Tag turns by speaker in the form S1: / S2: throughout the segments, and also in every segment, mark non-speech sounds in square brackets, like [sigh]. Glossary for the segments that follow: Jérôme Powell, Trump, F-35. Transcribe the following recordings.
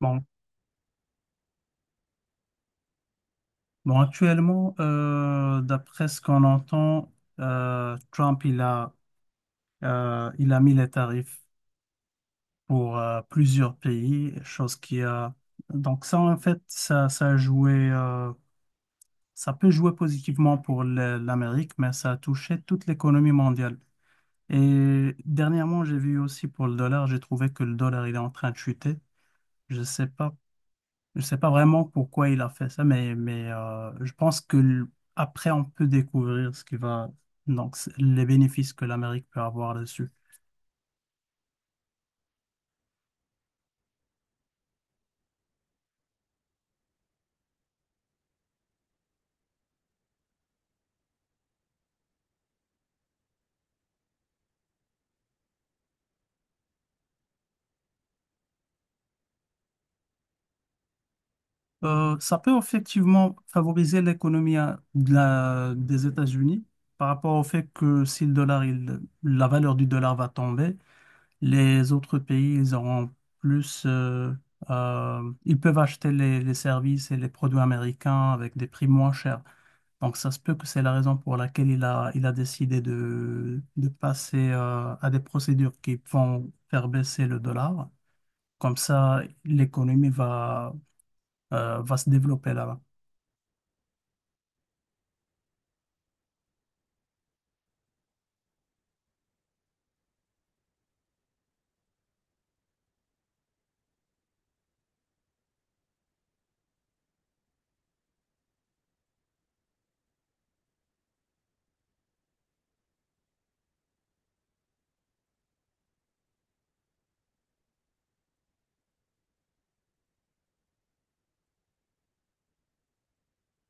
S1: Bon, bon, actuellement, d'après ce qu'on entend, Trump il a mis les tarifs pour plusieurs pays, chose qui a donc ça en fait ça a joué, ça peut jouer positivement pour l'Amérique, mais ça a touché toute l'économie mondiale. Et dernièrement, j'ai vu aussi pour le dollar, j'ai trouvé que le dollar il est en train de chuter. Je ne sais pas Je ne sais pas vraiment pourquoi il a fait ça, mais, mais je pense que après on peut découvrir ce qui va, donc les bénéfices que l'Amérique peut avoir dessus. Ça peut effectivement favoriser l'économie des États-Unis par rapport au fait que si le dollar, la valeur du dollar va tomber, les autres pays, ils auront plus, ils peuvent acheter les services et les produits américains avec des prix moins chers. Donc ça se peut que c'est la raison pour laquelle il a décidé de passer à des procédures qui vont faire baisser le dollar. Comme ça, l'économie va, va se développer là-bas.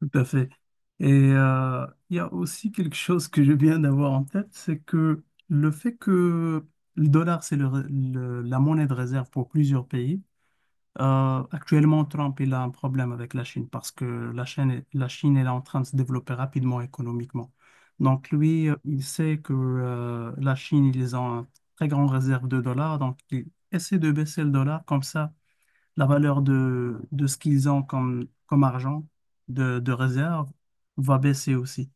S1: Tout à fait. Et il y a aussi quelque chose que je viens d'avoir en tête, c'est que le fait que le dollar, c'est la monnaie de réserve pour plusieurs pays, actuellement, Trump, il a un problème avec la Chine parce que la Chine, la Chine, elle est en train de se développer rapidement économiquement. Donc lui, il sait que la Chine, ils ont une très grande réserve de dollars, donc il essaie de baisser le dollar comme ça la valeur de ce qu'ils ont comme, comme argent de réserve va baisser aussi.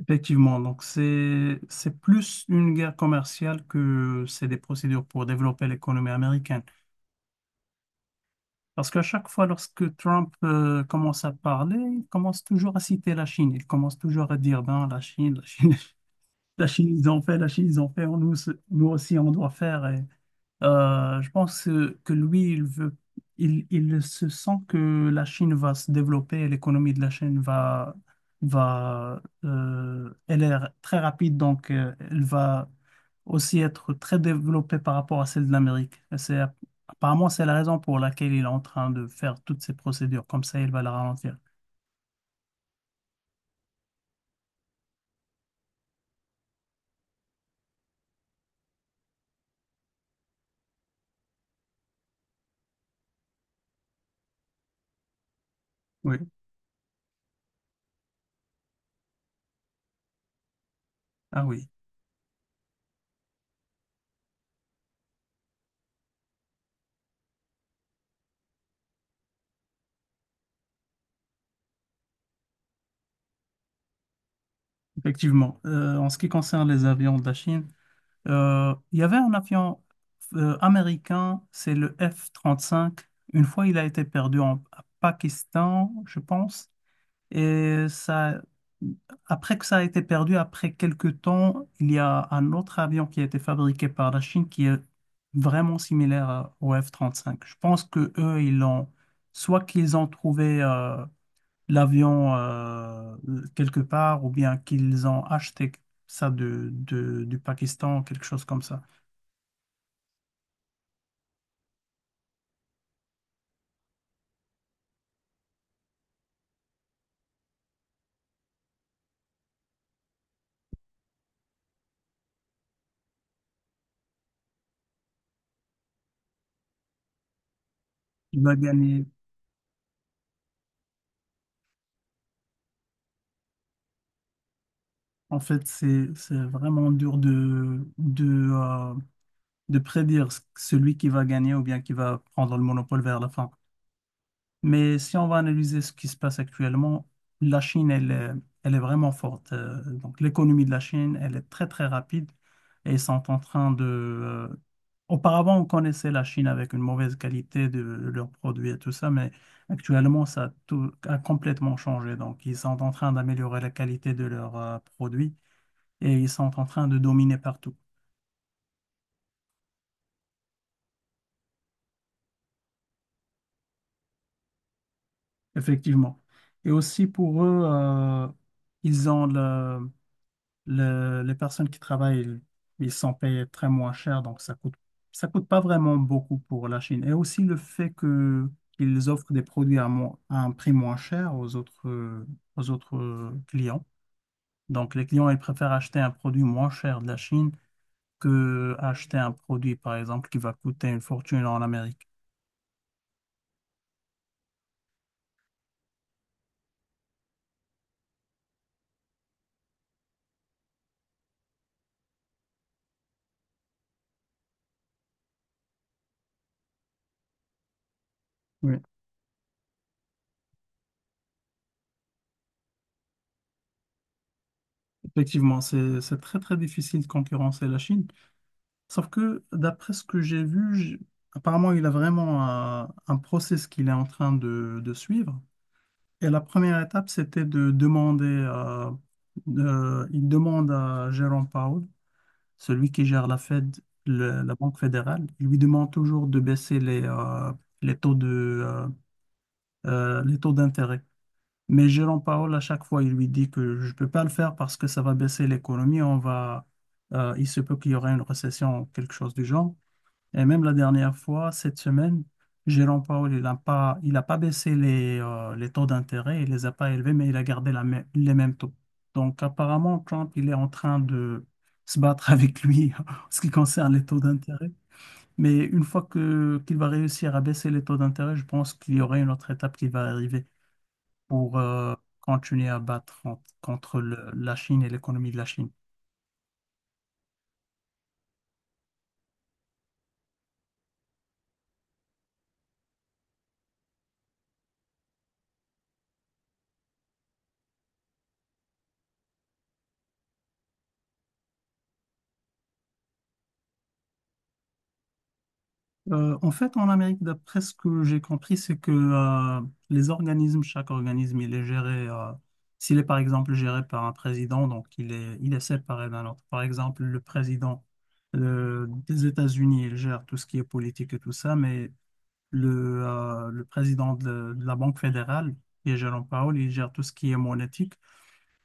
S1: Effectivement, donc c'est plus une guerre commerciale que c'est des procédures pour développer l'économie américaine. Parce qu'à chaque fois, lorsque Trump commence à parler, il commence toujours à citer la Chine. Il commence toujours à dire, ben, la Chine, [laughs] la Chine, ils ont fait, la Chine, ils ont fait, nous, nous aussi, on doit faire. Et je pense que lui, il veut, il se sent que la Chine va se développer, l'économie de la Chine va, va, elle est très rapide, donc elle va aussi être très développée par rapport à celle de l'Amérique. Et c'est, apparemment, c'est la raison pour laquelle il est en train de faire toutes ces procédures. Comme ça, il va la ralentir. Oui, ah oui, effectivement. En ce qui concerne les avions de la Chine, il y avait un avion américain, c'est le F-35. Une fois, il a été perdu en à Pakistan, je pense. Et ça, après que ça a été perdu, après quelques temps, il y a un autre avion qui a été fabriqué par la Chine qui est vraiment similaire au F-35. Je pense que eux, ils l'ont, soit qu'ils ont trouvé l'avion quelque part, ou bien qu'ils ont acheté ça de, du Pakistan, quelque chose comme ça. Il va gagner. En fait, c'est vraiment dur euh, de prédire celui qui va gagner ou bien qui va prendre le monopole vers la fin. Mais si on va analyser ce qui se passe actuellement, la Chine, elle, elle est vraiment forte. Donc, l'économie de la Chine, elle est très, très rapide et ils sont en train de... Auparavant, on connaissait la Chine avec une mauvaise qualité de leurs produits et tout ça, mais actuellement, ça a, a complètement changé. Donc, ils sont en train d'améliorer la qualité de leurs produits et ils sont en train de dominer partout, effectivement. Et aussi pour eux, ils ont le les personnes qui travaillent, ils sont payés très moins cher, donc ça coûte pas vraiment beaucoup pour la Chine. Et aussi le fait que qu'ils offrent des produits à, à un prix moins cher aux autres, aux autres clients. Donc les clients, ils préfèrent acheter un produit moins cher de la Chine que acheter un produit, par exemple, qui va coûter une fortune en Amérique. Oui. Effectivement, c'est très, très difficile de concurrencer la Chine. Sauf que, d'après ce que j'ai vu, apparemment, il a vraiment un process qu'il est en train de suivre. Et la première étape, c'était de demander, il demande à Jérôme Powell, celui qui gère la Fed, la Banque fédérale, il lui demande toujours de baisser les taux de, les taux d'intérêt. Mais Jérôme Powell, à chaque fois, il lui dit que je ne peux pas le faire parce que ça va baisser l'économie, on va, il se peut qu'il y aura une récession, quelque chose du genre. Et même la dernière fois, cette semaine, Jérôme Powell, il n'a pas, il a pas baissé les taux d'intérêt, il les a pas élevés, mais il a gardé la les mêmes taux. Donc apparemment, Trump, il est en train de se battre avec lui [laughs] en ce qui concerne les taux d'intérêt. Mais une fois que qu'il va réussir à baisser les taux d'intérêt, je pense qu'il y aurait une autre étape qui va arriver pour continuer à battre contre la Chine et l'économie de la Chine. En fait, en Amérique, d'après ce que j'ai compris, c'est que les organismes, chaque organisme, il est géré, s'il est par exemple géré par un président, donc il est séparé d'un autre. Par exemple, le président des États-Unis, il gère tout ce qui est politique et tout ça, mais le président de la Banque fédérale, qui est Jerome Powell, il gère tout ce qui est monétique.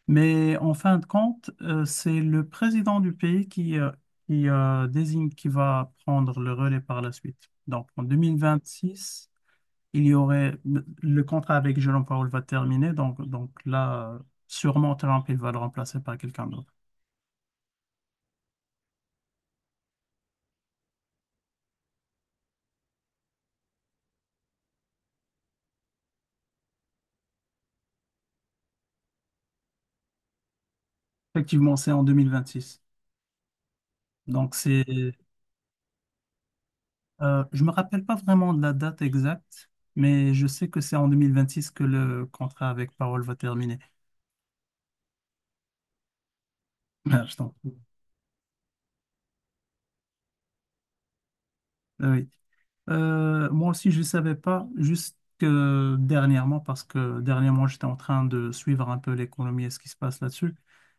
S1: Mais en fin de compte, c'est le président du pays qui désigne qui va prendre le relais par la suite. Donc en 2026, il y aurait le contrat avec Jérôme Powell va terminer. Donc là, sûrement Trump, il va le remplacer par quelqu'un d'autre. Effectivement, c'est en 2026. Donc, c'est, je me rappelle pas vraiment de la date exacte, mais je sais que c'est en 2026 que le contrat avec Parole va terminer. Ah, je t'en prie. Ah oui. Moi aussi, je ne savais pas, juste que dernièrement, parce que dernièrement, j'étais en train de suivre un peu l'économie et ce qui se passe là-dessus.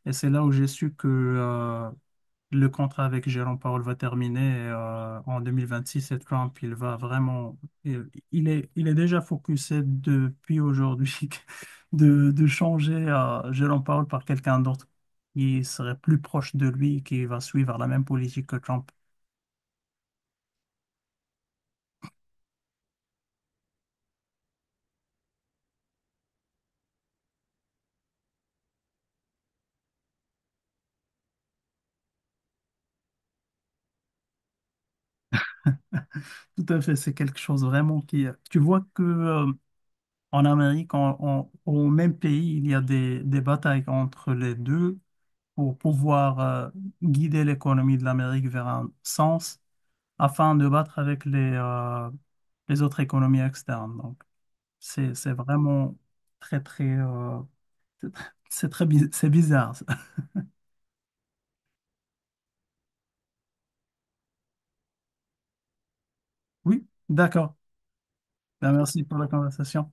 S1: Et c'est là où j'ai su que le contrat avec Jérôme Powell va terminer et, en 2026 et Trump, il va vraiment, il est déjà focusé depuis aujourd'hui [laughs] de changer Jérôme Powell par quelqu'un d'autre qui serait plus proche de lui et qui va suivre la même politique que Trump. Tout à fait, c'est quelque chose vraiment qui... Tu vois que en Amérique, au même pays, il y a des batailles entre les deux pour pouvoir guider l'économie de l'Amérique vers un sens afin de battre avec les autres économies externes. Donc, c'est vraiment très, très, [laughs] c'est très, c'est bizarre. [laughs] Oui, d'accord. Ben, merci pour la conversation.